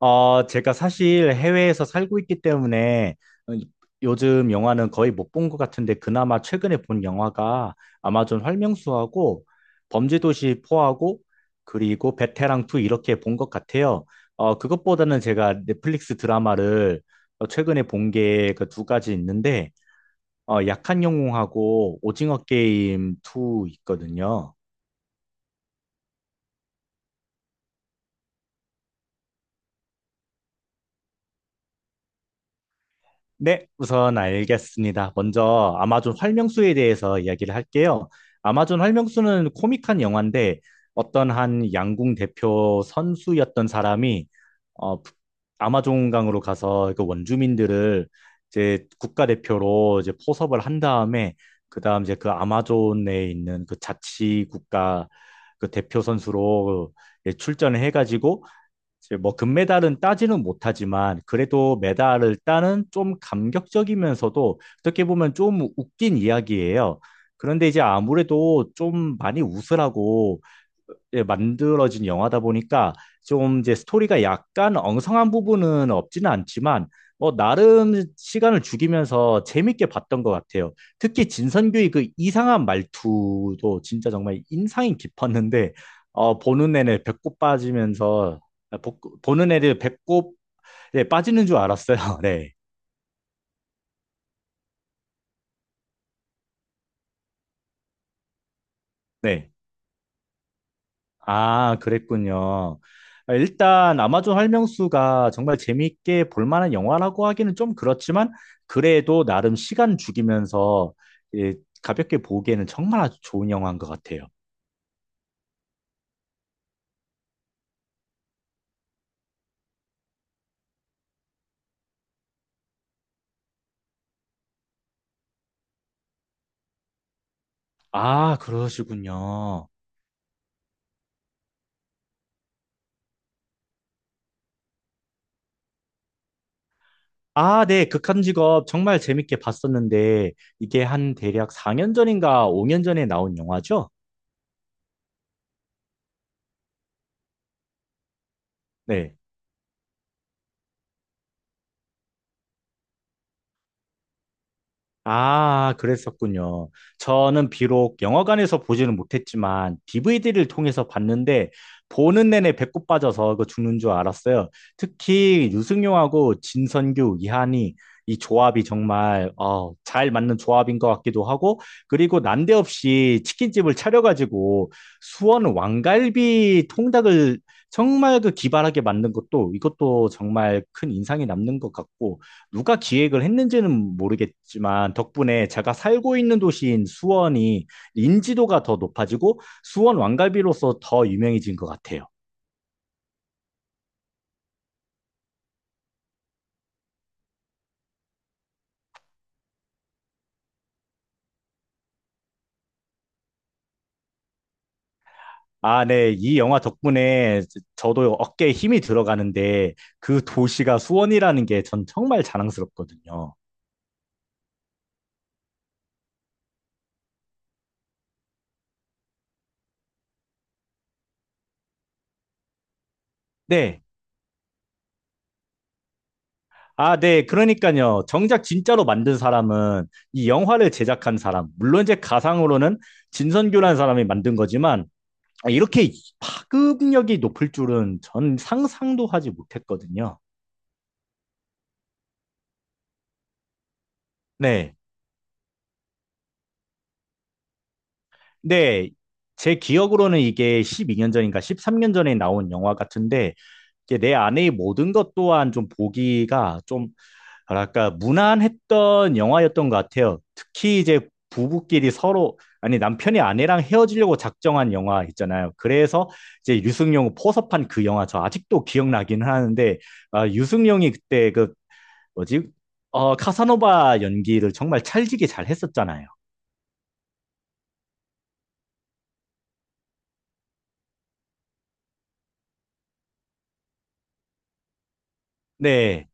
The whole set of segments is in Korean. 제가 사실 해외에서 살고 있기 때문에 어, 요즘 영화는 거의 못 본 것 같은데 그나마 최근에 본 영화가 아마존 활명수하고 범죄도시 4하고 그리고 베테랑 2 이렇게 본 것 같아요. 그것보다는 제가 넷플릭스 드라마를 최근에 본 게 그 두 가지 있는데 약한 영웅하고 오징어 게임 2 있거든요. 네, 우선 알겠습니다. 먼저 아마존 활명수에 대해서 이야기를 할게요. 아마존 활명수는 코믹한 영화인데 어떤 한 양궁 대표 선수였던 사람이 어, 아마존강으로 가서 그 원주민들을 이제 국가대표로 이제 포섭을 한 다음에 그다음 이제 그 아마존에 있는 그 자치 국가 그 대표 선수로 이제 출전을 해가지고 이제 뭐 금메달은 따지는 못하지만 그래도 메달을 따는 좀 감격적이면서도 어떻게 보면 좀 웃긴 이야기예요. 그런데 이제 아무래도 좀 많이 웃으라고 예, 만들어진 영화다 보니까 좀 이제 스토리가 약간 엉성한 부분은 없지는 않지만 뭐 나름 시간을 죽이면서 재밌게 봤던 것 같아요. 특히 진선규의 그 이상한 말투도 진짜 정말 인상이 깊었는데 보는 내내 배꼽 빠지면서 보는 애들 배꼽 예, 빠지는 줄 알았어요. 네. 네. 아, 그랬군요. 아, 일단 아마존 활명수가 정말 재미있게 볼 만한 영화라고 하기는 좀 그렇지만 그래도 나름 시간 죽이면서 예, 가볍게 보기에는 정말 아주 좋은 영화인 것 같아요. 아, 그러시군요. 아, 네. 극한 직업 정말 재밌게 봤었는데 이게 한 대략 4년 전인가 5년 전에 나온 영화죠? 네. 아, 그랬었군요. 저는 비록 영화관에서 보지는 못했지만 DVD를 통해서 봤는데 보는 내내 배꼽 빠져서 그 죽는 줄 알았어요. 특히 유승용하고 진선규, 이한이 이 조합이 정말 잘 맞는 조합인 것 같기도 하고 그리고 난데없이 치킨집을 차려가지고 수원 왕갈비 통닭을 정말 그 기발하게 만든 것도 이것도 정말 큰 인상이 남는 것 같고 누가 기획을 했는지는 모르겠지만 덕분에 제가 살고 있는 도시인 수원이 인지도가 더 높아지고 수원 왕갈비로서 더 유명해진 것 같아요. 아, 네. 이 영화 덕분에 저도 어깨에 힘이 들어가는데 그 도시가 수원이라는 게 전 정말 자랑스럽거든요. 네. 아, 네. 그러니까요. 정작 진짜로 만든 사람은 이 영화를 제작한 사람, 물론 이제 가상으로는 진선규라는 사람이 만든 거지만 아, 이렇게 파급력이 높을 줄은 전 상상도 하지 못했거든요. 네. 네, 제 기억으로는 이게 12년 전인가 13년 전에 나온 영화 같은데 이게 내 안의 모든 것 또한 좀 보기가 좀 뭐랄까 무난했던 영화였던 것 같아요. 특히 이제 부부끼리 서로 아니 남편이 아내랑 헤어지려고 작정한 영화 있잖아요. 그래서 이제 유승용 포섭한 그 영화 저 아직도 기억나긴 하는데 아, 유승용이 그때 그 뭐지? 카사노바 연기를 정말 찰지게 잘 했었잖아요. 네,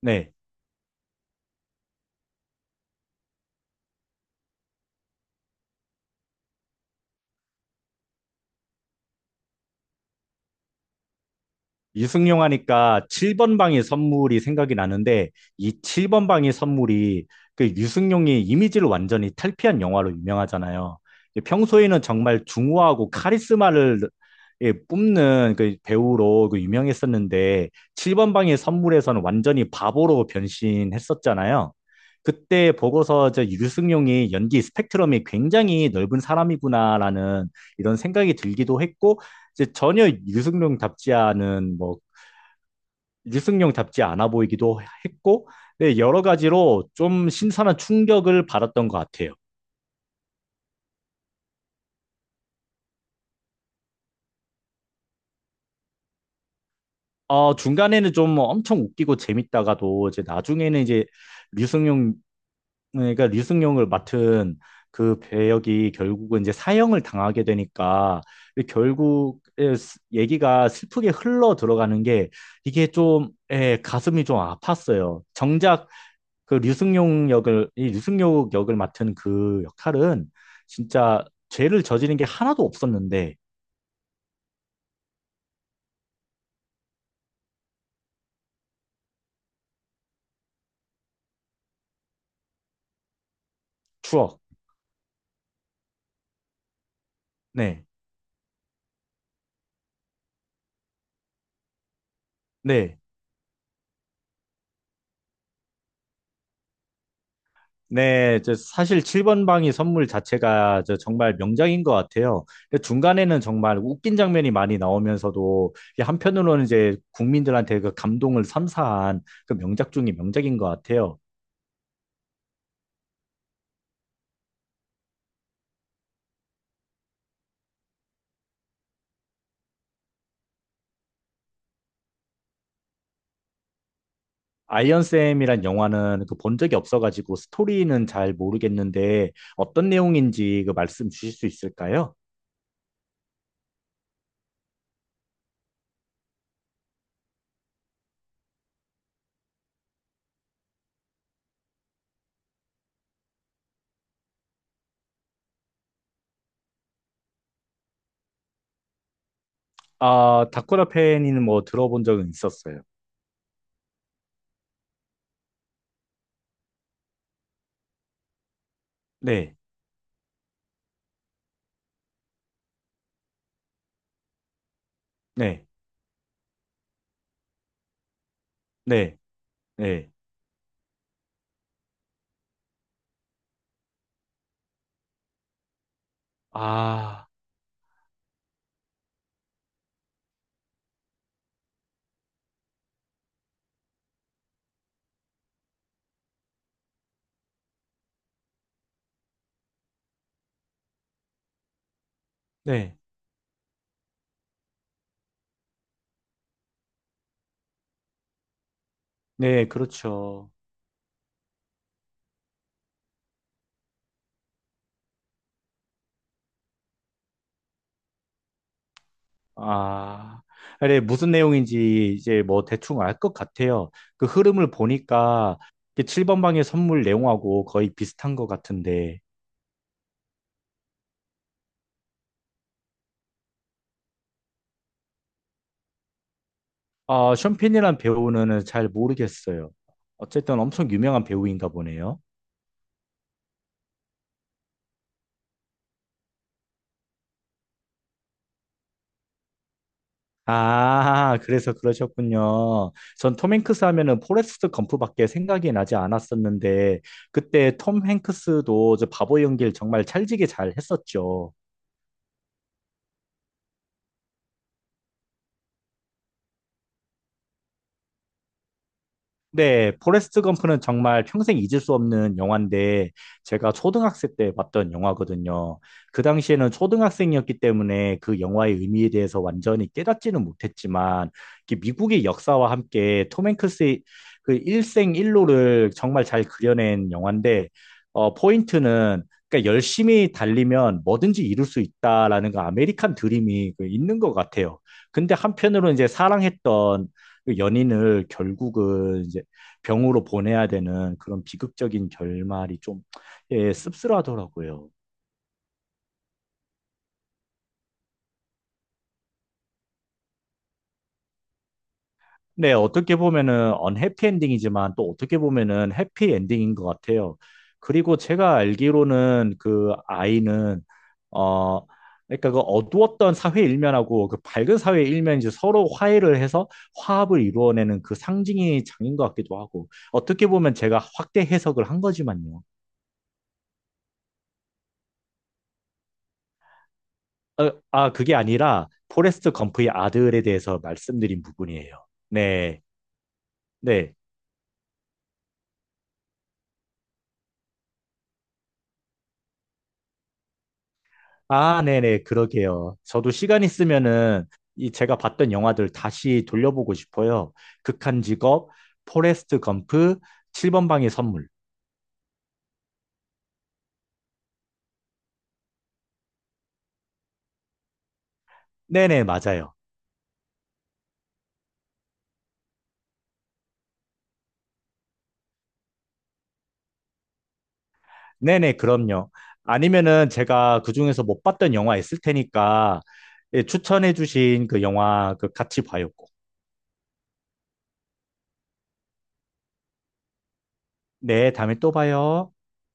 네. 유승용 하니까 7번 방의 선물이 생각이 나는데 이 7번 방의 선물이 그 유승용이 이미지를 완전히 탈피한 영화로 유명하잖아요. 평소에는 정말 중후하고 카리스마를 예, 뿜는 그 배우로 그 유명했었는데 7번 방의 선물에서는 완전히 바보로 변신했었잖아요. 그때 보고서 저 유승용이 연기 스펙트럼이 굉장히 넓은 사람이구나라는 이런 생각이 들기도 했고 이제 전혀 유승룡답지 않은 뭐 유승룡답지 않아 보이기도 했고 네, 여러 가지로 좀 신선한 충격을 받았던 것 같아요. 중간에는 좀 엄청 웃기고 재밌다가도 이제 나중에는 이제 류승룡 그러니까 류승룡을 맡은 그 배역이 결국은 이제 사형을 당하게 되니까 결국 얘기가 슬프게 흘러 들어가는 게 이게 좀 에 가슴이 좀 아팠어요. 정작 그 류승룡 역을 이 류승룡 역을 맡은 그 역할은 진짜 죄를 저지른 게 하나도 없었는데 추억. 네. 네. 네, 저 사실 7번 방이 선물 자체가 저 정말 명작인 것 같아요. 근데 중간에는 정말 웃긴 장면이 많이 나오면서도 이게 한편으로는 이제 국민들한테 그 감동을 선사한 그 명작 중의 명작인 것 같아요. 아이언쌤이란 영화는 그 본 적이 없어가지고 스토리는 잘 모르겠는데 어떤 내용인지 그 말씀 주실 수 있을까요? 아, 다쿠라 팬이는 뭐 들어본 적은 있었어요. 네, 네, 네, 네. 아, 네, 네, 그렇죠. 아, 네, 무슨 내용인지 이제 뭐 대충 알 것 같아요. 그 흐름을 보니까 7번 방의 선물 내용하고 거의 비슷한 것 같은데. 아, 션펜이란 배우는 잘 모르겠어요. 어쨌든 엄청 유명한 배우인가 보네요. 아, 그래서 그러셨군요. 전 톰 행크스 하면은 포레스트 검프밖에 생각이 나지 않았었는데, 그때 톰 행크스도 저 바보 연기를 정말 찰지게 잘 했었죠. 네, 포레스트 검프는 정말 평생 잊을 수 없는 영화인데 제가 초등학생 때 봤던 영화거든요. 그 당시에는 초등학생이었기 때문에 그 영화의 의미에 대해서 완전히 깨닫지는 못했지만 이렇게 미국의 역사와 함께 톰 행크스의 그 일생 일로를 정말 잘 그려낸 영화인데 포인트는 그러니까 열심히 달리면 뭐든지 이룰 수 있다라는 그 아메리칸 드림이 그 있는 것 같아요. 근데 한편으로 이제 사랑했던 그 연인을 결국은 이제 병으로 보내야 되는 그런 비극적인 결말이 좀 예, 씁쓸하더라고요. 네, 어떻게 보면은 언해피 엔딩이지만 또 어떻게 보면은 해피 엔딩인 것 같아요. 그리고 제가 알기로는 그 아이는 어 그러니까 그 어두웠던 사회 일면하고 그 밝은 사회 일면이 이제 서로 화해를 해서 화합을 이루어내는 그 상징이 장인 것 같기도 하고 어떻게 보면 제가 확대 해석을 한 거지만요. 아, 그게 아니라 포레스트 검프의 아들에 대해서 말씀드린 부분이에요. 네, 네. 아, 네네, 그러게요. 저도 시간 있으면은 이 제가 봤던 영화들 다시 돌려보고 싶어요. 극한 직업, 포레스트 검프, 7번 방의 선물. 네네, 맞아요. 네네, 그럼요. 아니면은 제가 그중에서 못 봤던 영화 있을 테니까 예, 추천해 주신 그 영화 그 같이 봐요. 꼭. 네, 다음에 또 봐요.